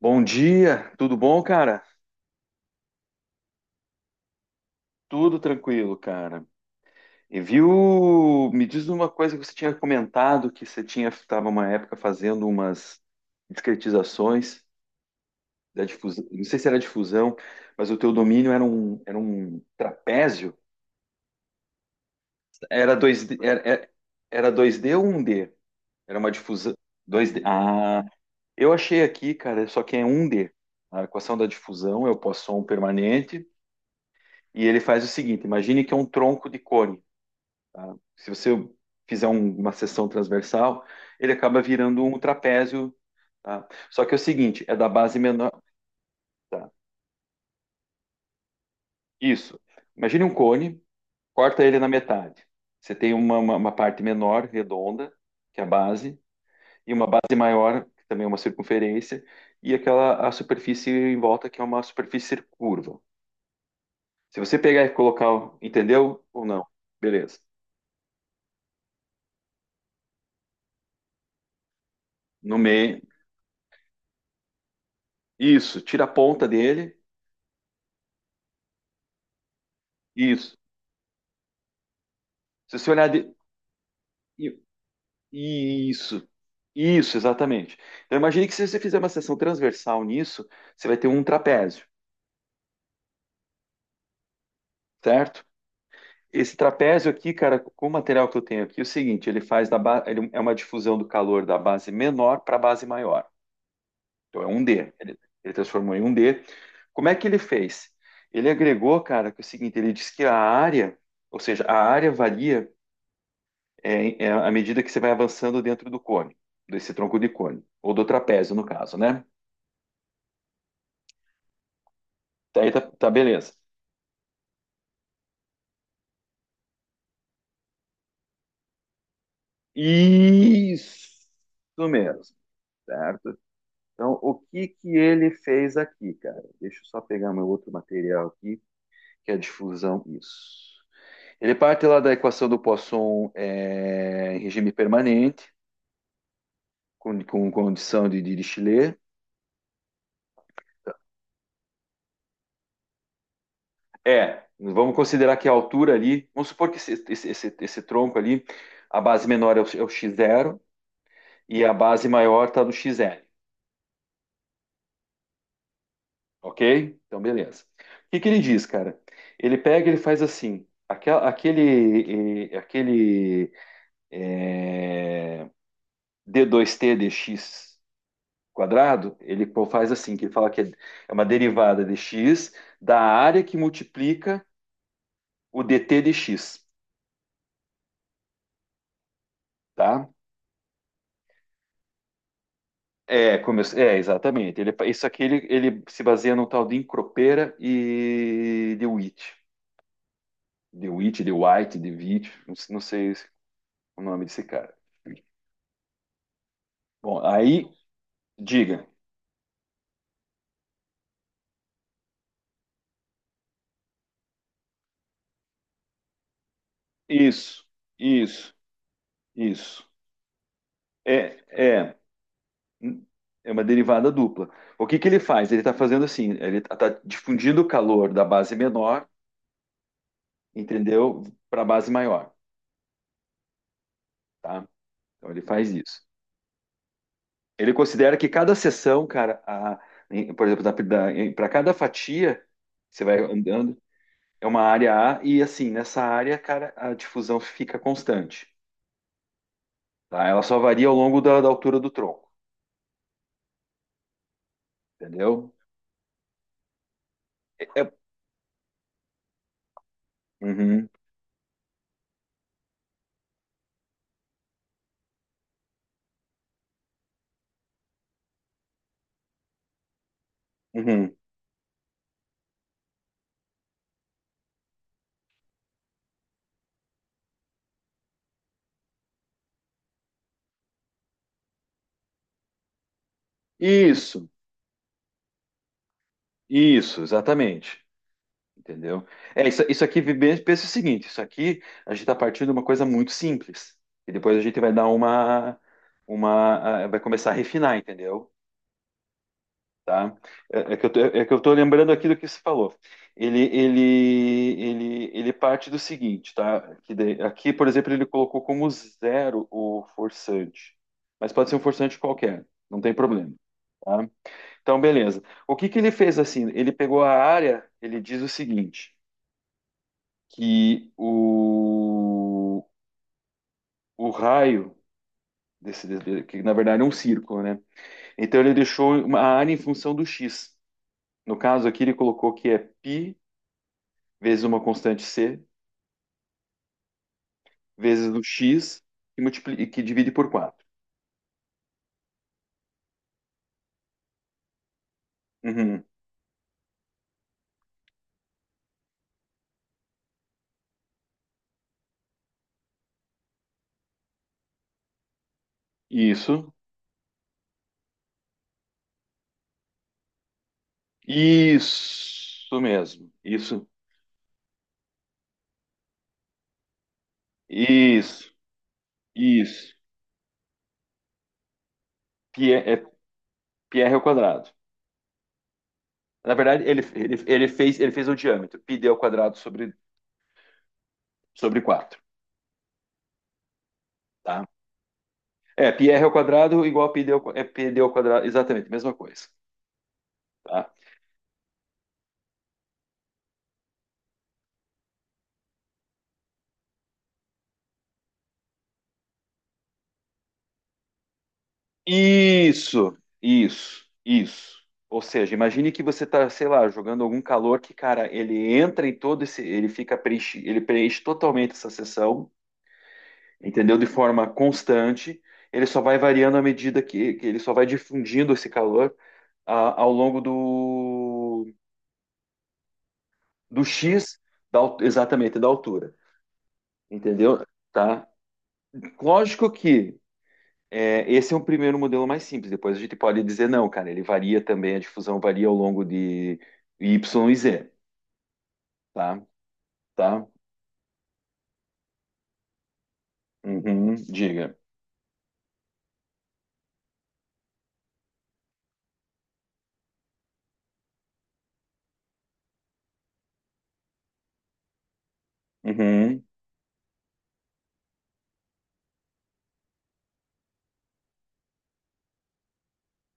Bom dia, tudo bom, cara? Tudo tranquilo, cara. E viu? Me diz uma coisa que você tinha comentado que você tinha estava uma época fazendo umas discretizações da difusão. Não sei se era difusão, mas o teu domínio era um trapézio. Era dois d era, era era 2D ou um d. Era uma difusão dois d. Ah, eu achei aqui, cara, só que é um d. A equação da difusão é o Poisson permanente e ele faz o seguinte: imagine que é um tronco de cone, tá? Se você fizer uma seção transversal, ele acaba virando um trapézio, tá? Só que é o seguinte, é da base menor, tá? Isso. Imagine um cone, corta ele na metade. Você tem uma parte menor, redonda, que é a base, e uma base maior, que também é uma circunferência, e aquela a superfície em volta, que é uma superfície curva. Se você pegar e colocar, entendeu ou não? Beleza. No meio, isso, tira a ponta dele, isso. Se você olhar de, Isso, isso, exatamente. Então, imagine que se você fizer uma seção transversal nisso, você vai ter um trapézio, certo? Esse trapézio aqui, cara, com o material que eu tenho aqui, é o seguinte: ele faz da ba... ele é uma difusão do calor da base menor para a base maior. Então, é um D. Ele transformou em um D. Como é que ele fez? Ele agregou, cara, que é o seguinte: ele diz que a área, ou seja, a área varia é à medida que você vai avançando dentro do cone, desse tronco de cone, ou do trapézio, no caso, né? Tá, aí tá, tá, beleza. Isso mesmo, certo? Então, o que que ele fez aqui, cara? Deixa eu só pegar meu outro material aqui, que é a difusão. Isso. Ele parte lá da equação do Poisson é, em regime permanente, com condição de Dirichlet. É, vamos considerar que a altura ali, vamos supor que esse tronco ali, a base menor é o x zero e a base maior está no xn. Ok? Então, beleza. O que que ele diz, cara? Ele pega, ele faz assim, aquele d dois t dx quadrado, faz assim, que ele fala que é uma derivada de x da área que multiplica o dt dx, tá? É, é exatamente. Isso aqui ele, ele se baseia no tal de Encropera e de Witt. De Witt, de White, de Witt, não sei, não sei o nome desse cara. Bom, aí, diga. Isso, isso, isso. É, é, é, uma derivada dupla. O que que ele faz? Ele está fazendo assim, ele está difundindo o calor da base menor, entendeu? Para a base maior, tá? Então ele faz isso. Ele considera que cada seção, cara, por exemplo, para cada fatia, você vai andando, é uma área A e assim, nessa área, cara, a difusão fica constante, tá? Ela só varia ao longo da, da altura do tronco, entendeu? É, é- uhum, uhum. Isso, isso, exatamente. Entendeu? É, isso, pensa o seguinte, isso aqui a gente está partindo de uma coisa muito simples. E depois a gente vai dar vai começar a refinar, entendeu? Tá? É, é que eu tô, é que eu tô lembrando aqui do que você falou. Ele, ele, ele parte do seguinte, tá? Que daí- aqui, por exemplo, ele colocou como zero o forçante. Mas pode ser um forçante qualquer, não tem problema, tá? Então, beleza. O que que ele fez assim? Ele pegou a área, ele diz o seguinte, que o raio que na verdade é um círculo, né? Então ele deixou uma a área em função do x. No caso aqui ele colocou que é π vezes uma constante c vezes o x que divide por quatro. Uhum. Isso. Isso mesmo. Isso. Isso. Isso. Pi é pi r ao quadrado. Na verdade, ele fez o diâmetro, πd ao quadrado sobre, sobre quatro, tá? É, πr ao quadrado igual a é πd ao quadrado, exatamente, mesma coisa, tá? Isso, isso, isso. Ou seja, imagine que você está, sei lá, jogando algum calor que, cara, ele entra em todo esse, ele preenche totalmente essa seção, entendeu? De forma constante, ele só vai variando à medida que ele só vai difundindo esse calor ao longo do X, exatamente, da altura. Entendeu? Tá? Lógico que esse é um primeiro modelo mais simples. Depois a gente pode dizer, não, cara, ele varia também, a difusão varia ao longo de Y e Z. Tá? Tá? Uhum, diga. Uhum.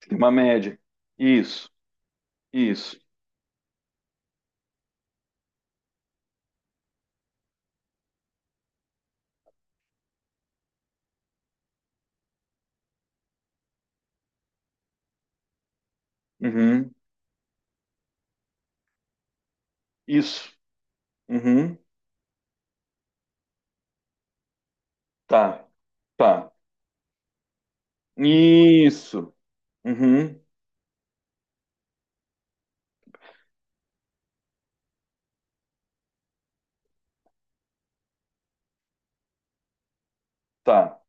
Tem uma média. Isso, isso. Uhum, isso. Uhum, tá, tá. Isso. Uhum, tá,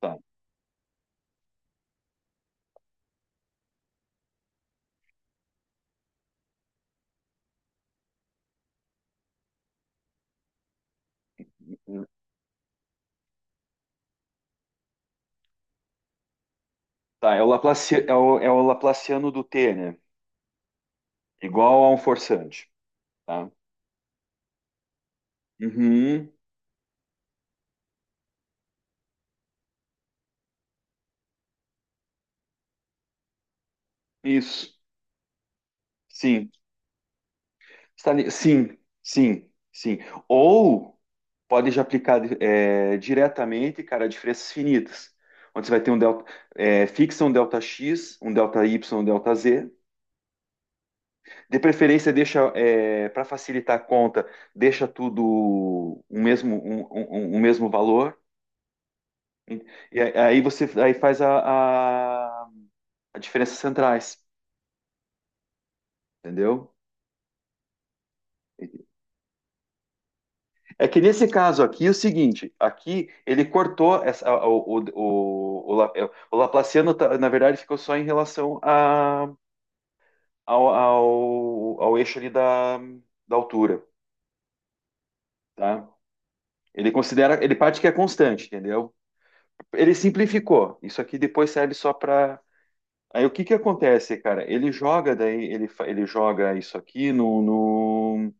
tá. Tá, é o, é o Laplaciano do T, né? Igual a um forçante, tá? Uhum, isso. Sim. Sim, sim, sim. Ou pode já aplicar diretamente, cara, diferenças finitas. Onde você vai ter um delta, fixa um delta x, um delta y, um delta z. De preferência, deixa, para facilitar a conta, deixa tudo o mesmo, um mesmo valor. E aí você aí faz a diferenças centrais, entendeu? É que nesse caso aqui é o seguinte, aqui ele cortou o, o, o, La- é, o Laplaciano, tá- na verdade, ficou só em relação ao eixo ali da, da altura, tá? Ele considera, ele parte que é constante, entendeu? Ele simplificou. Isso aqui depois serve só para. Aí o que que acontece, cara? Ele joga daí, ele joga isso aqui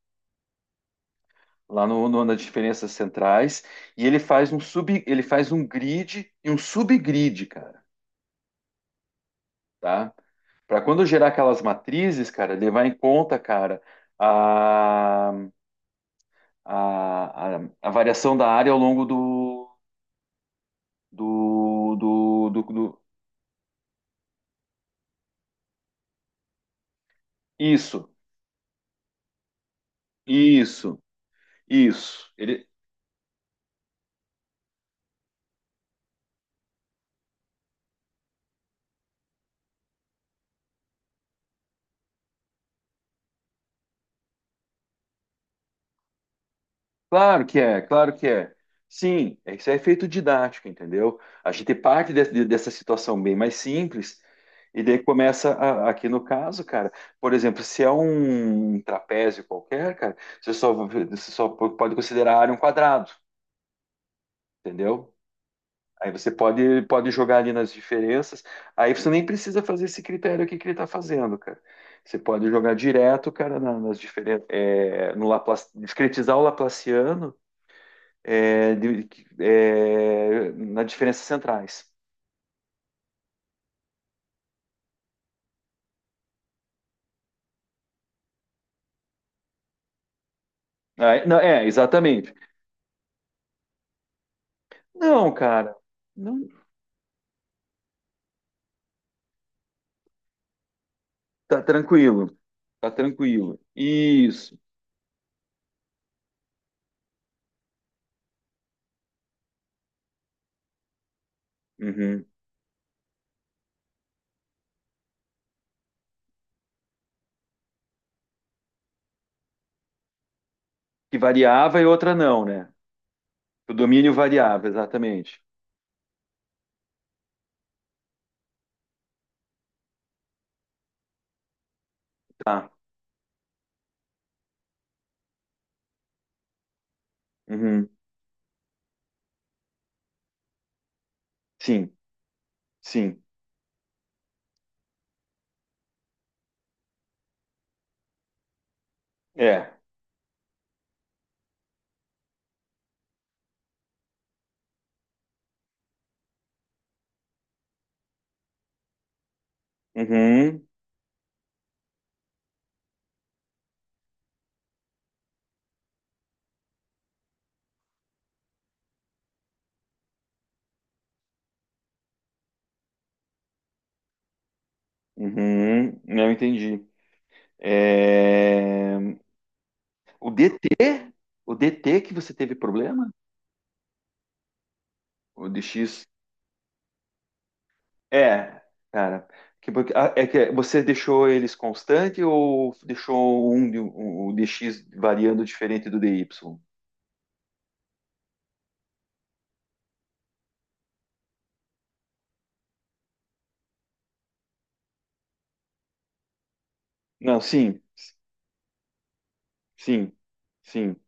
lá nas diferenças centrais e ele faz um sub, ele faz um grid e um subgrid, cara, tá? Para quando gerar aquelas matrizes, cara, levar em conta, cara, a, a variação da área ao longo do. Isso, isso, isso. Claro que é, claro que é. Sim, isso é efeito didático, entendeu? A gente parte dessa situação bem mais simples e daí começa a- aqui no caso, cara, por exemplo, se é um trapézio qualquer, cara, você só pode considerar a área um quadrado. Entendeu? Aí você pode, pode jogar ali nas diferenças. Aí você nem precisa fazer esse critério aqui que ele está fazendo, cara. Você pode jogar direto, cara, nas diferenças, no Laplace, discretizar o Laplaciano é, de- nas diferenças centrais. Não, é, exatamente. Não, cara, não, tá tranquilo, tá tranquilo. Isso. Uhum. Que variava e outra não, né? O domínio variava, exatamente. Tá. Uhum. Sim, sim. É. Uhum. Uhum. Não entendi. É, o DT? O DT que você teve problema? O DX? É, cara. É que você deixou eles constante ou deixou o DX variando diferente do DY? Não, sim, sim, sim.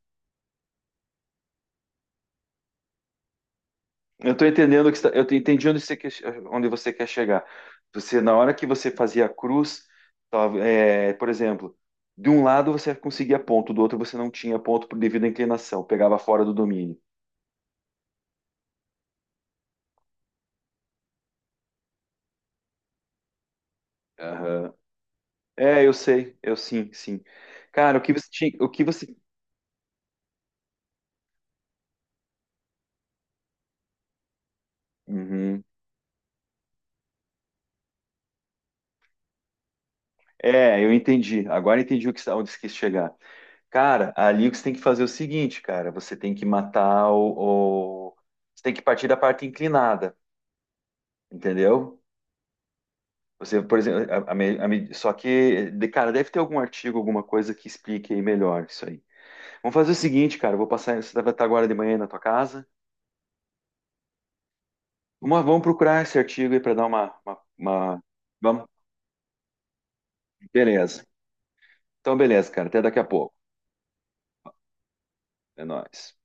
Eu estou entendendo o que está, entendi onde você quer chegar. Você, na hora que você fazia a cruz, tava, por exemplo, de um lado você conseguia ponto, do outro você não tinha ponto por devido à inclinação, pegava fora do domínio. Aham. É, eu sei, eu sim, sim. Cara, o que você tinha, o que você, uhum. É, eu entendi. Agora entendi onde você quis chegar. Cara, ali o que você tem que fazer é o seguinte, cara, você tem que partir da parte inclinada, entendeu? Você, por exemplo, só que, cara, deve ter algum artigo, alguma coisa que explique aí melhor isso aí. Vamos fazer o seguinte, cara, eu vou passar, você vai estar agora de manhã aí na tua casa. Vamos, vamos procurar esse artigo aí para dar uma. Vamos, beleza. Então, beleza, cara, até daqui a pouco. É nóis.